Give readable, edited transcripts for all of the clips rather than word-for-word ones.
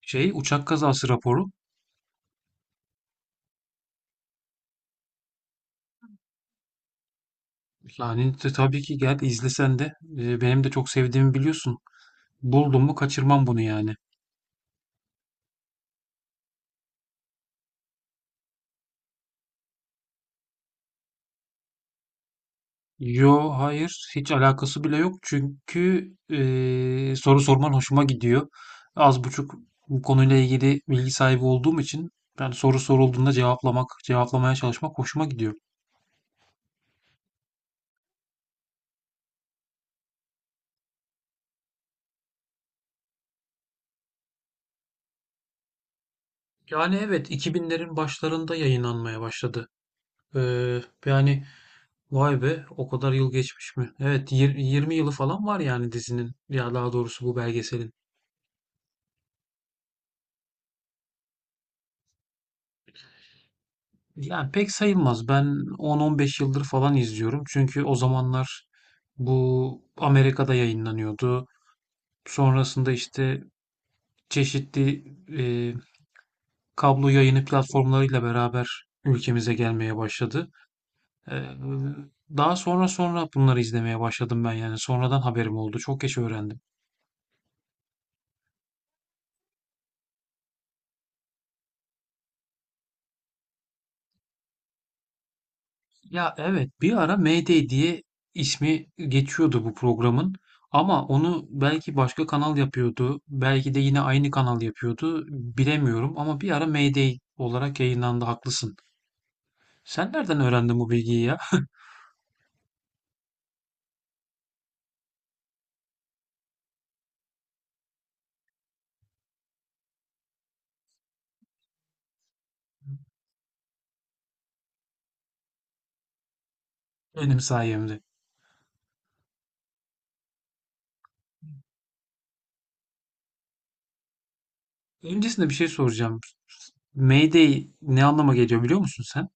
Şey uçak kazası raporu. Yani tabii ki gel izlesen de benim de çok sevdiğimi biliyorsun. Buldum mu kaçırmam bunu yani. Yo, hayır, hiç alakası bile yok çünkü soru sorman hoşuma gidiyor. Az buçuk bu konuyla ilgili bilgi sahibi olduğum için ben soru sorulduğunda cevaplamak, cevaplamaya çalışmak hoşuma gidiyor. Yani evet, 2000'lerin başlarında yayınlanmaya başladı. Ee, yani, vay be, o kadar yıl geçmiş mi? Evet, 20 yılı falan var yani dizinin, ya daha doğrusu bu belgeselin. Yani pek sayılmaz. Ben 10-15 yıldır falan izliyorum. Çünkü o zamanlar bu Amerika'da yayınlanıyordu. Sonrasında işte çeşitli e, kablo yayını platformlarıyla beraber ülkemize gelmeye başladı. E, daha sonra bunları izlemeye başladım ben yani. Sonradan haberim oldu. Çok geç öğrendim. Ya evet, bir ara MD diye ismi geçiyordu bu programın. Ama onu belki başka kanal yapıyordu. Belki de yine aynı kanal yapıyordu. Bilemiyorum ama bir ara MD olarak yayınlandı, haklısın. Sen nereden öğrendin bu bilgiyi ya? Benim sayemde. Öncesinde bir şey soracağım. MD ne anlama geliyor, biliyor musun sen?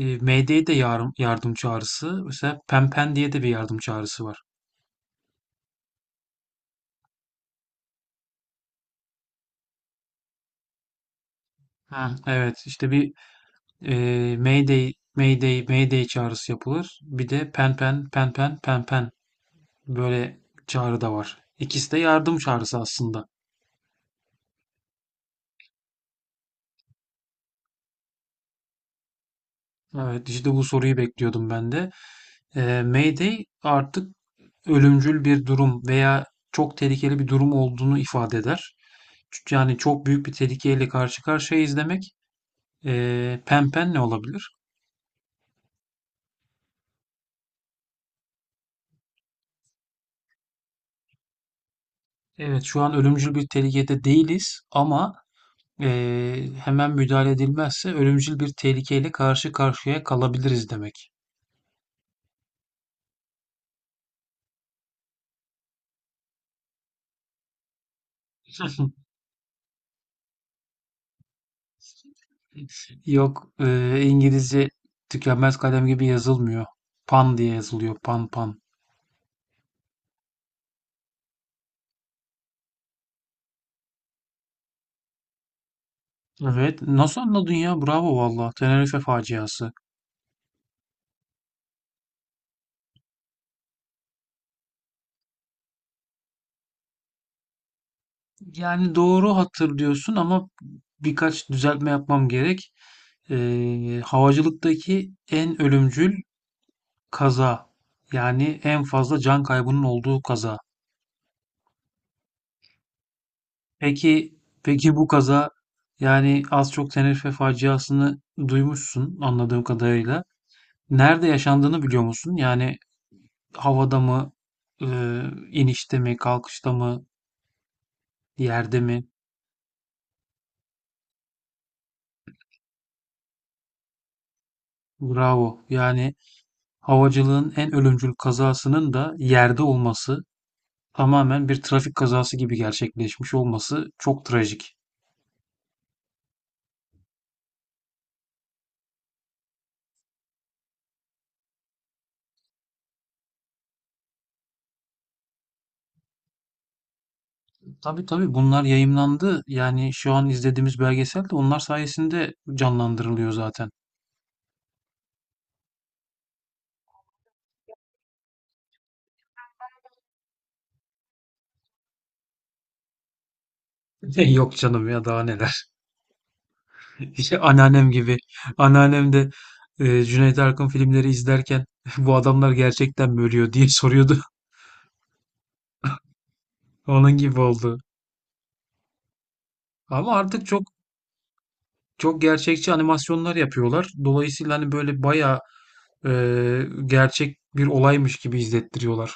MD de yardım, yardım çağrısı. Mesela Pempen diye de bir yardım çağrısı var. Ha, evet, işte bir Mayday, Mayday, Mayday çağrısı yapılır. Bir de pen pen, pen pen, pen pen böyle çağrı da var. İkisi de yardım çağrısı aslında. Evet, işte bu soruyu bekliyordum ben de. Mayday artık ölümcül bir durum veya çok tehlikeli bir durum olduğunu ifade eder. Yani çok büyük bir tehlikeyle karşı karşıyayız demek. Pen pen ne olabilir? Evet, şu an ölümcül bir tehlikede değiliz ama hemen müdahale edilmezse ölümcül bir tehlikeyle karşı karşıya kalabiliriz demek. Yok, İngilizce tükenmez kalem gibi yazılmıyor. Pan diye yazılıyor. Pan pan. Evet. Nasıl anladın ya? Bravo valla. Tenerife faciası. Yani doğru hatırlıyorsun ama birkaç düzeltme yapmam gerek. Havacılıktaki en ölümcül kaza. Yani en fazla can kaybının olduğu kaza. Peki, peki bu kaza, yani az çok Tenerife faciasını duymuşsun anladığım kadarıyla. Nerede yaşandığını biliyor musun? Yani havada mı, e, inişte mi, kalkışta mı, yerde mi? Bravo. Yani havacılığın en ölümcül kazasının da yerde olması, tamamen bir trafik kazası gibi gerçekleşmiş olması çok trajik. Tabii tabii, bunlar yayımlandı. Yani şu an izlediğimiz belgesel de onlar sayesinde canlandırılıyor zaten. Yok canım ya, daha neler. İşte anneannem gibi. Anneannem de Cüneyt Arkın filmleri izlerken bu adamlar gerçekten mi ölüyor diye soruyordu. Onun gibi oldu. Ama artık çok çok gerçekçi animasyonlar yapıyorlar. Dolayısıyla hani böyle bayağı e, gerçek bir olaymış gibi izlettiriyorlar.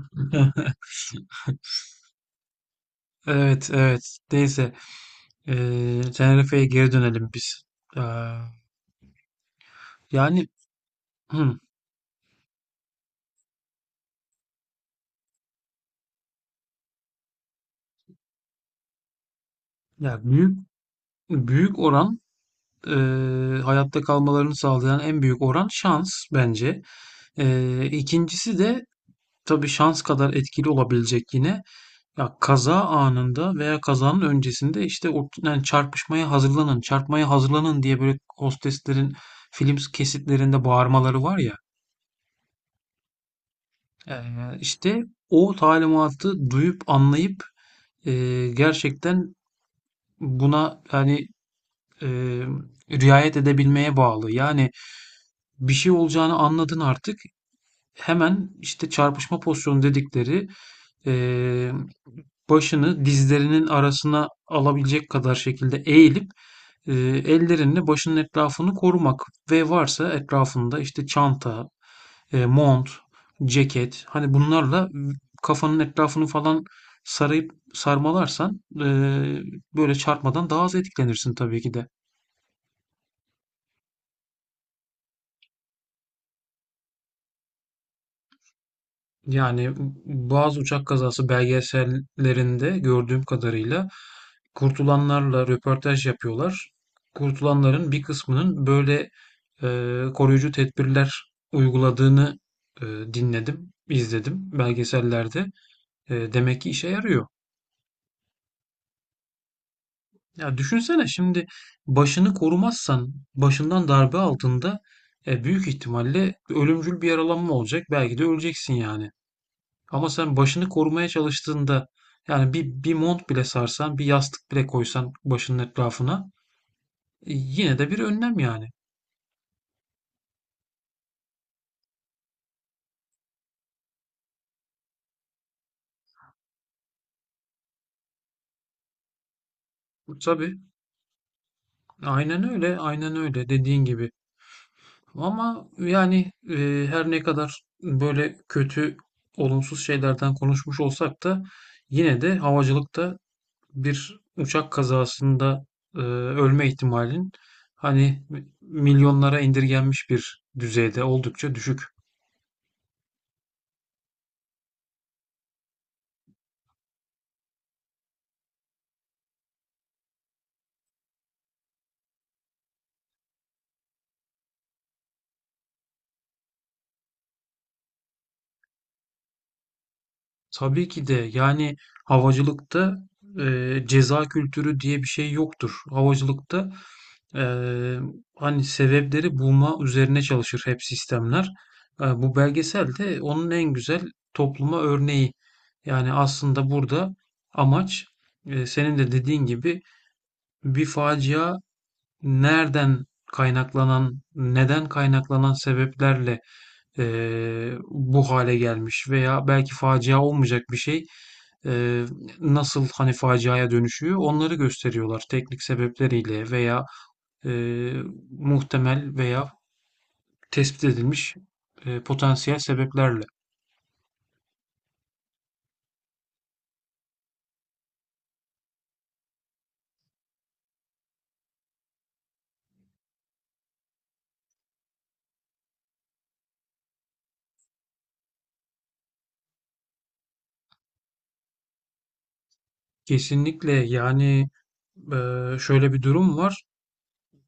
Evet, evet. Neyse. Tenerife'ye geri dönelim biz. Ee, yani hı, ya büyük büyük oran, e, hayatta kalmalarını sağlayan en büyük oran şans bence. İkincisi de tabii şans kadar etkili olabilecek yine. Ya kaza anında veya kazanın öncesinde işte o, yani çarpışmaya hazırlanın, çarpmaya hazırlanın diye böyle hosteslerin film kesitlerinde bağırmaları var ya. İşte o talimatı duyup anlayıp e, gerçekten buna yani e, riayet edebilmeye bağlı. Yani bir şey olacağını anladın artık. Hemen işte çarpışma pozisyonu dedikleri, e, başını dizlerinin arasına alabilecek kadar şekilde eğilip e, ellerinle başının etrafını korumak ve varsa etrafında işte çanta, mont, ceket, hani bunlarla kafanın etrafını falan sarayıp sarmalarsan böyle çarpmadan daha az etkilenirsin tabii ki de. Yani bazı uçak kazası belgesellerinde gördüğüm kadarıyla kurtulanlarla röportaj yapıyorlar. Kurtulanların bir kısmının böyle koruyucu tedbirler uyguladığını dinledim, izledim belgesellerde. Demek ki işe yarıyor. Ya düşünsene şimdi, başını korumazsan başından darbe altında büyük ihtimalle ölümcül bir yaralanma olacak. Belki de öleceksin yani. Ama sen başını korumaya çalıştığında, yani bir, bir mont bile sarsan, bir yastık bile koysan başının etrafına, yine de bir önlem yani. Tabii, aynen öyle, aynen öyle dediğin gibi. Ama yani her ne kadar böyle kötü, olumsuz şeylerden konuşmuş olsak da yine de havacılıkta bir uçak kazasında ölme ihtimalin hani milyonlara indirgenmiş bir düzeyde oldukça düşük. Tabii ki de yani havacılıkta ceza kültürü diye bir şey yoktur. Havacılıkta eee, hani sebepleri bulma üzerine çalışır hep sistemler. Bu belgesel de onun en güzel topluma örneği. Yani aslında burada amaç, senin de dediğin gibi bir facia nereden kaynaklanan, neden kaynaklanan sebeplerle bu hale gelmiş veya belki facia olmayacak bir şey eee, nasıl hani faciaya dönüşüyor, onları gösteriyorlar teknik sebepleriyle veya eee, muhtemel veya tespit edilmiş potansiyel sebeplerle. Kesinlikle yani, şöyle bir durum var.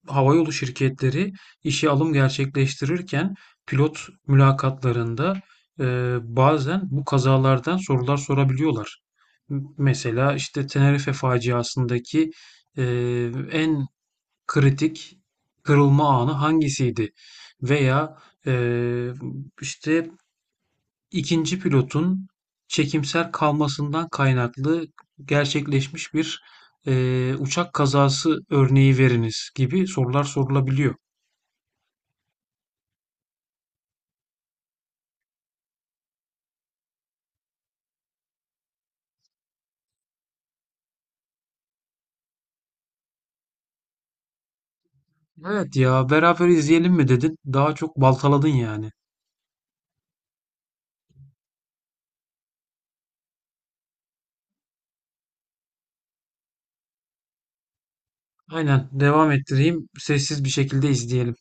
Havayolu şirketleri işe alım gerçekleştirirken pilot mülakatlarında e, bazen bu kazalardan sorular sorabiliyorlar. Mesela işte Tenerife faciasındaki e, en kritik kırılma anı hangisiydi? Veya e, işte ikinci pilotun çekimser kalmasından kaynaklı gerçekleşmiş bir uçak kazası örneği veriniz gibi sorular sorulabiliyor. Evet ya, beraber izleyelim mi dedin? Daha çok baltaladın yani. Aynen, devam ettireyim. Sessiz bir şekilde izleyelim.